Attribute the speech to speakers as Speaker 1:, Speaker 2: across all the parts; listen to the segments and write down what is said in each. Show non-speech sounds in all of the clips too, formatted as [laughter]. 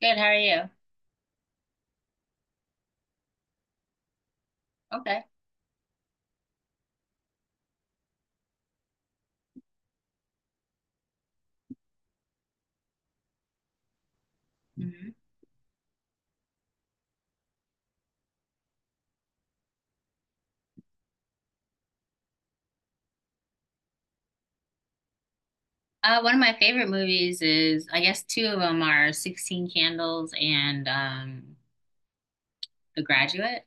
Speaker 1: Good, how are you? Okay. Hmm. One of my favorite movies is, I guess two of them are 16 Candles and The Graduate.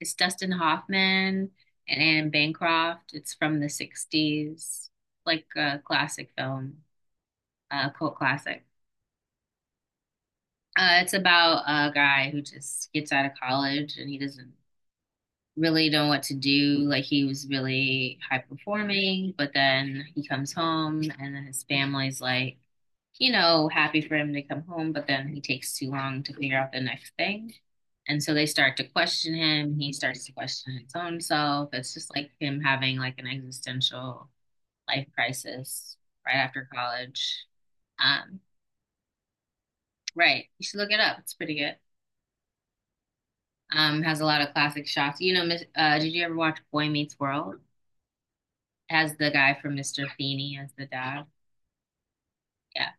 Speaker 1: It's Dustin Hoffman and Anne Bancroft. It's from the 60s, like a classic film, a cult classic. It's about a guy who just gets out of college and he doesn't really know what to do. Like he was really high performing, but then he comes home and then his family's like, you know, happy for him to come home, but then he takes too long to figure out the next thing. And so they start to question him. He starts to question his own self. It's just like him having like an existential life crisis right after college. Um, right. You should look it up. It's pretty good. Has a lot of classic shots. You know, did you ever watch Boy Meets World? As the guy from Mr. Feeny, as the dad. Yeah.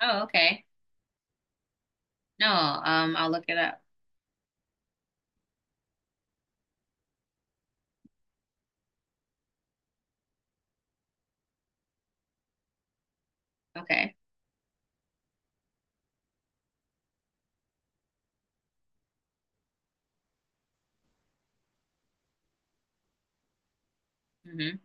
Speaker 1: Oh, okay. No, I'll look it up. Okay. Mm-hmm.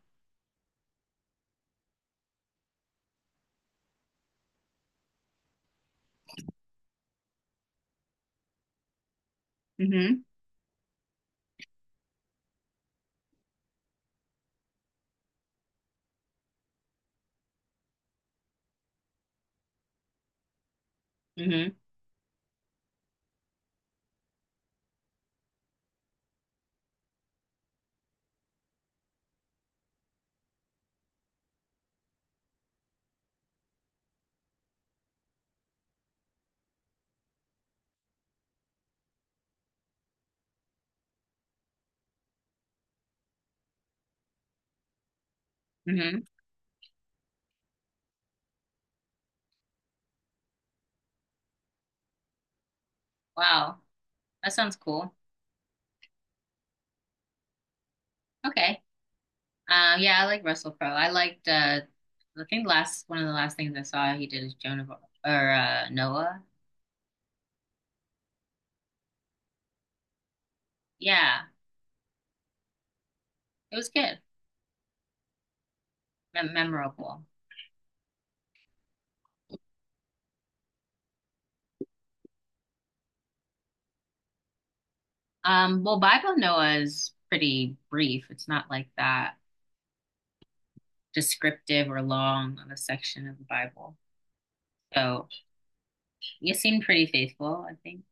Speaker 1: Mm-hmm. Mm-hmm. Mm-hmm. Wow. That sounds cool. Okay. Yeah, I like Russell Crowe. I liked I think last one of the last things I saw he did is Joan of or Noah. Yeah. It was good. Memorable. Well, Bible Noah is pretty brief. It's not like that descriptive or long of a section of the Bible. So you seem pretty faithful, I think.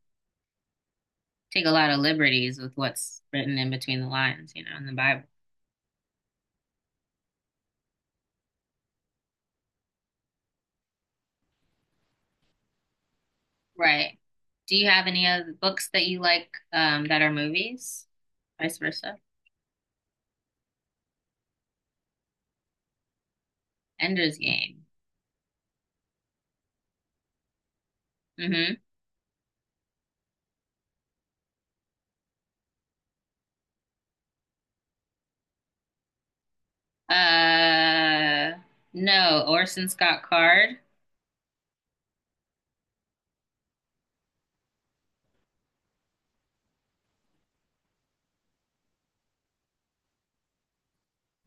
Speaker 1: Take a lot of liberties with what's written in between the lines, you know, in the Bible. Right. Do you have any other books that you like that are movies? Vice versa. Ender's Game. Mm-hmm. Uh, no, Orson Scott Card.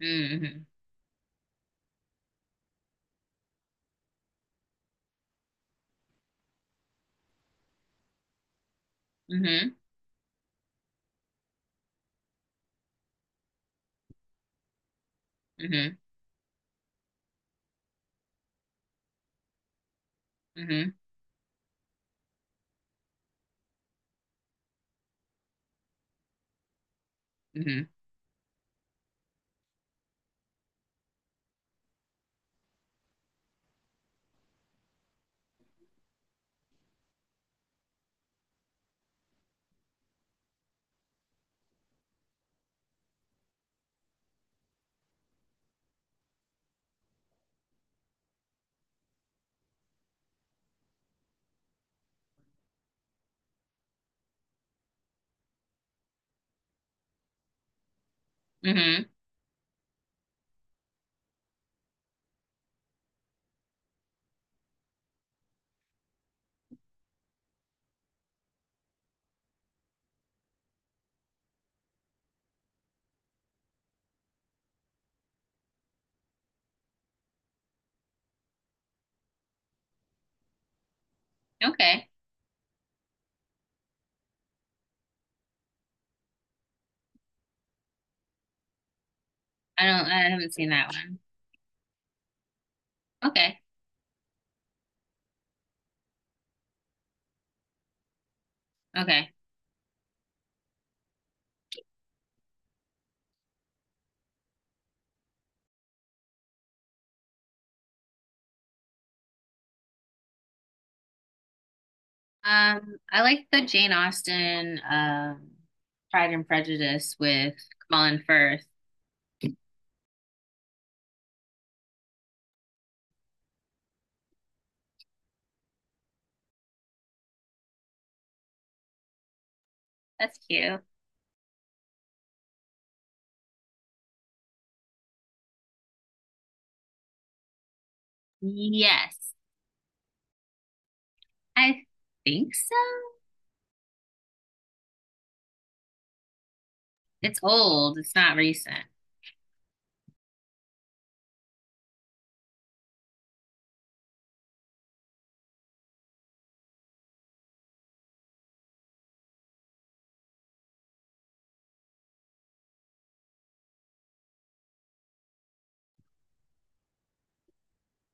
Speaker 1: Mm-hmm. Mm-hmm. Mm-hmm. Mm-hmm. Mm-hmm. Mm-hmm. Okay. I haven't seen that one. Okay. Okay. I like the Jane Austen, Pride and Prejudice with Colin Firth. That's cute. Yes, I think so. It's old. It's not recent.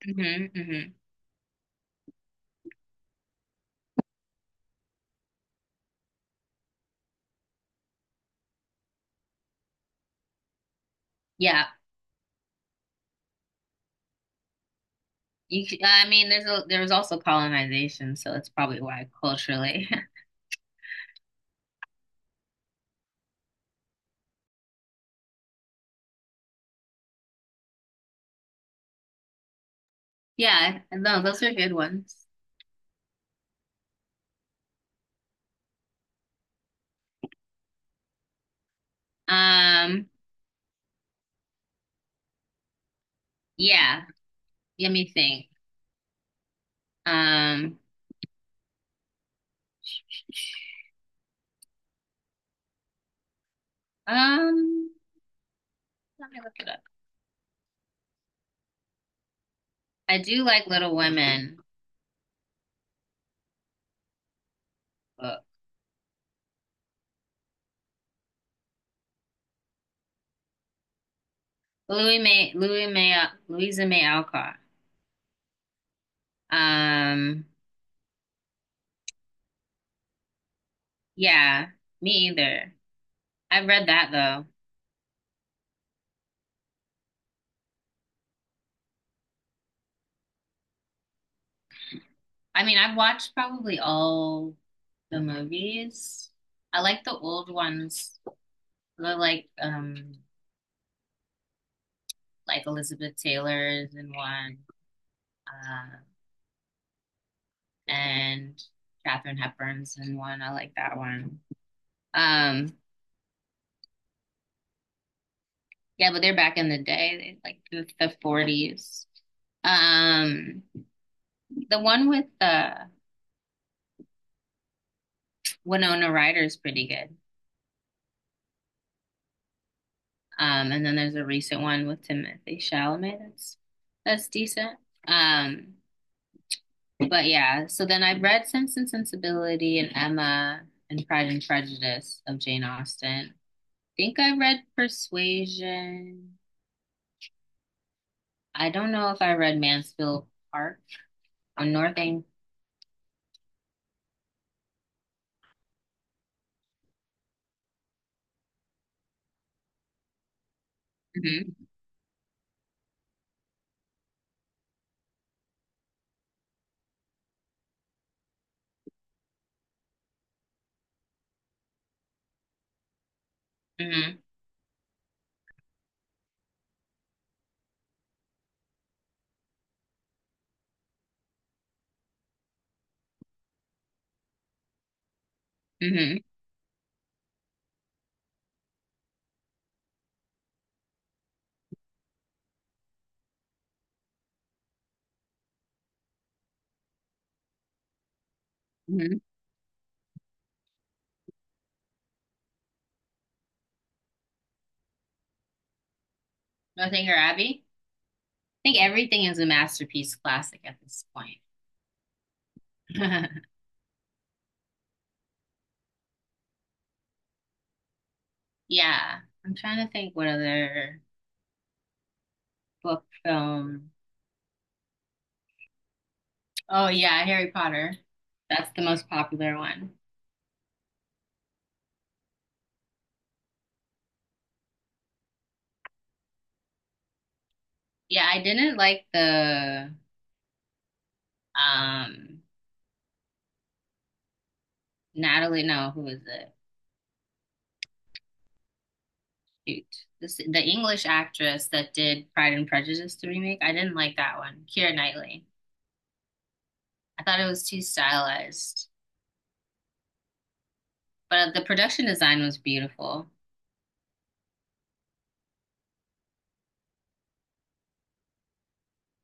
Speaker 1: Hmm. Hmm. Yeah. I mean, there was also colonization, so it's probably why culturally. [laughs] Yeah, no, those are good ones. Um, yeah, let me think. Um, um, let me look it up. I do like Little Women. Louis May, Louis May, Louisa May Alcott. Um, yeah, me either. I've read that though. I mean, I've watched probably all the movies. I like the old ones. I like Elizabeth Taylor's in one, uh, and Katharine Hepburn's in one. I like that one. Um, yeah, but they're back in the day, they like the 40s. Um, the one with the Winona Ryder is pretty good. And then there's a recent one with Timothy Chalamet. That's decent. Um, but yeah. So then I read Sense and Sensibility and Emma and Pride and Prejudice of Jane Austen. I think I read Persuasion. I don't know if I read Mansfield Park or Northing. Mm-hmm, mm-hmm, mm-hmm, mm-hmm. Northanger Abbey. I think everything is a masterpiece classic at this point. [laughs] Yeah. I'm trying to think what other book film. Oh yeah, Harry Potter. That's the most popular one. Yeah, I didn't like the um Natalie, no, who was it? Shoot. This, the English actress that did Pride and Prejudice the remake. I didn't like that one. Keira Knightley. I thought it was too stylized. But the production design was beautiful.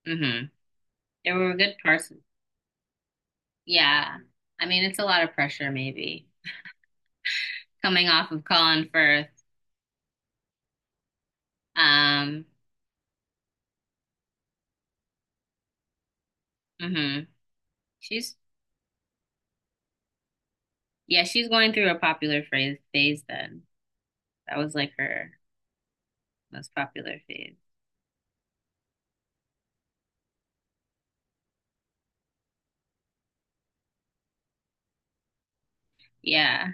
Speaker 1: Hmm. There were good parts. Yeah. I mean, it's a lot of pressure maybe. Coming off of Colin Firth. Um, hmm. She's. Yeah, she's going through a popular phrase phase then. That was like her most popular phase. Yeah.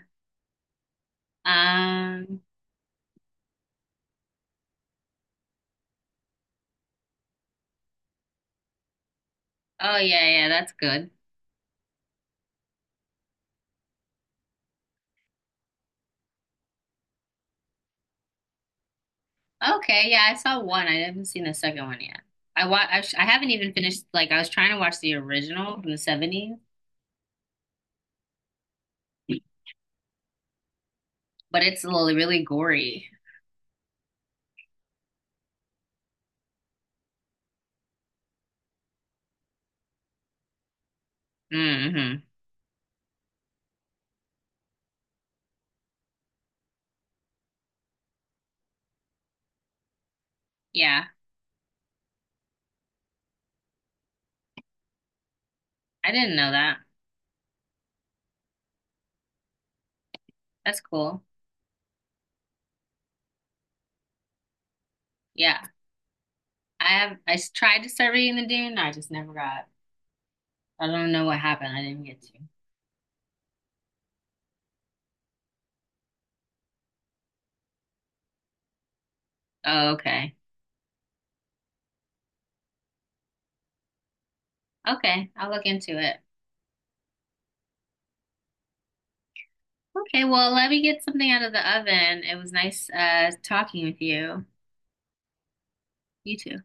Speaker 1: Um, oh yeah, yeah, that's good. Okay, yeah, I saw one. I haven't seen the second one yet. I haven't even finished like I was trying to watch the original from the 70s, but really gory. Hmm. Yeah, I didn't know that. That's cool. Yeah. I have I s- tried to start reading the Dune, I just never got. I don't know what happened. I didn't get to. Oh, okay. Okay, I'll look into it. Okay, well, let me get something out of the oven. It was nice talking with you. You too.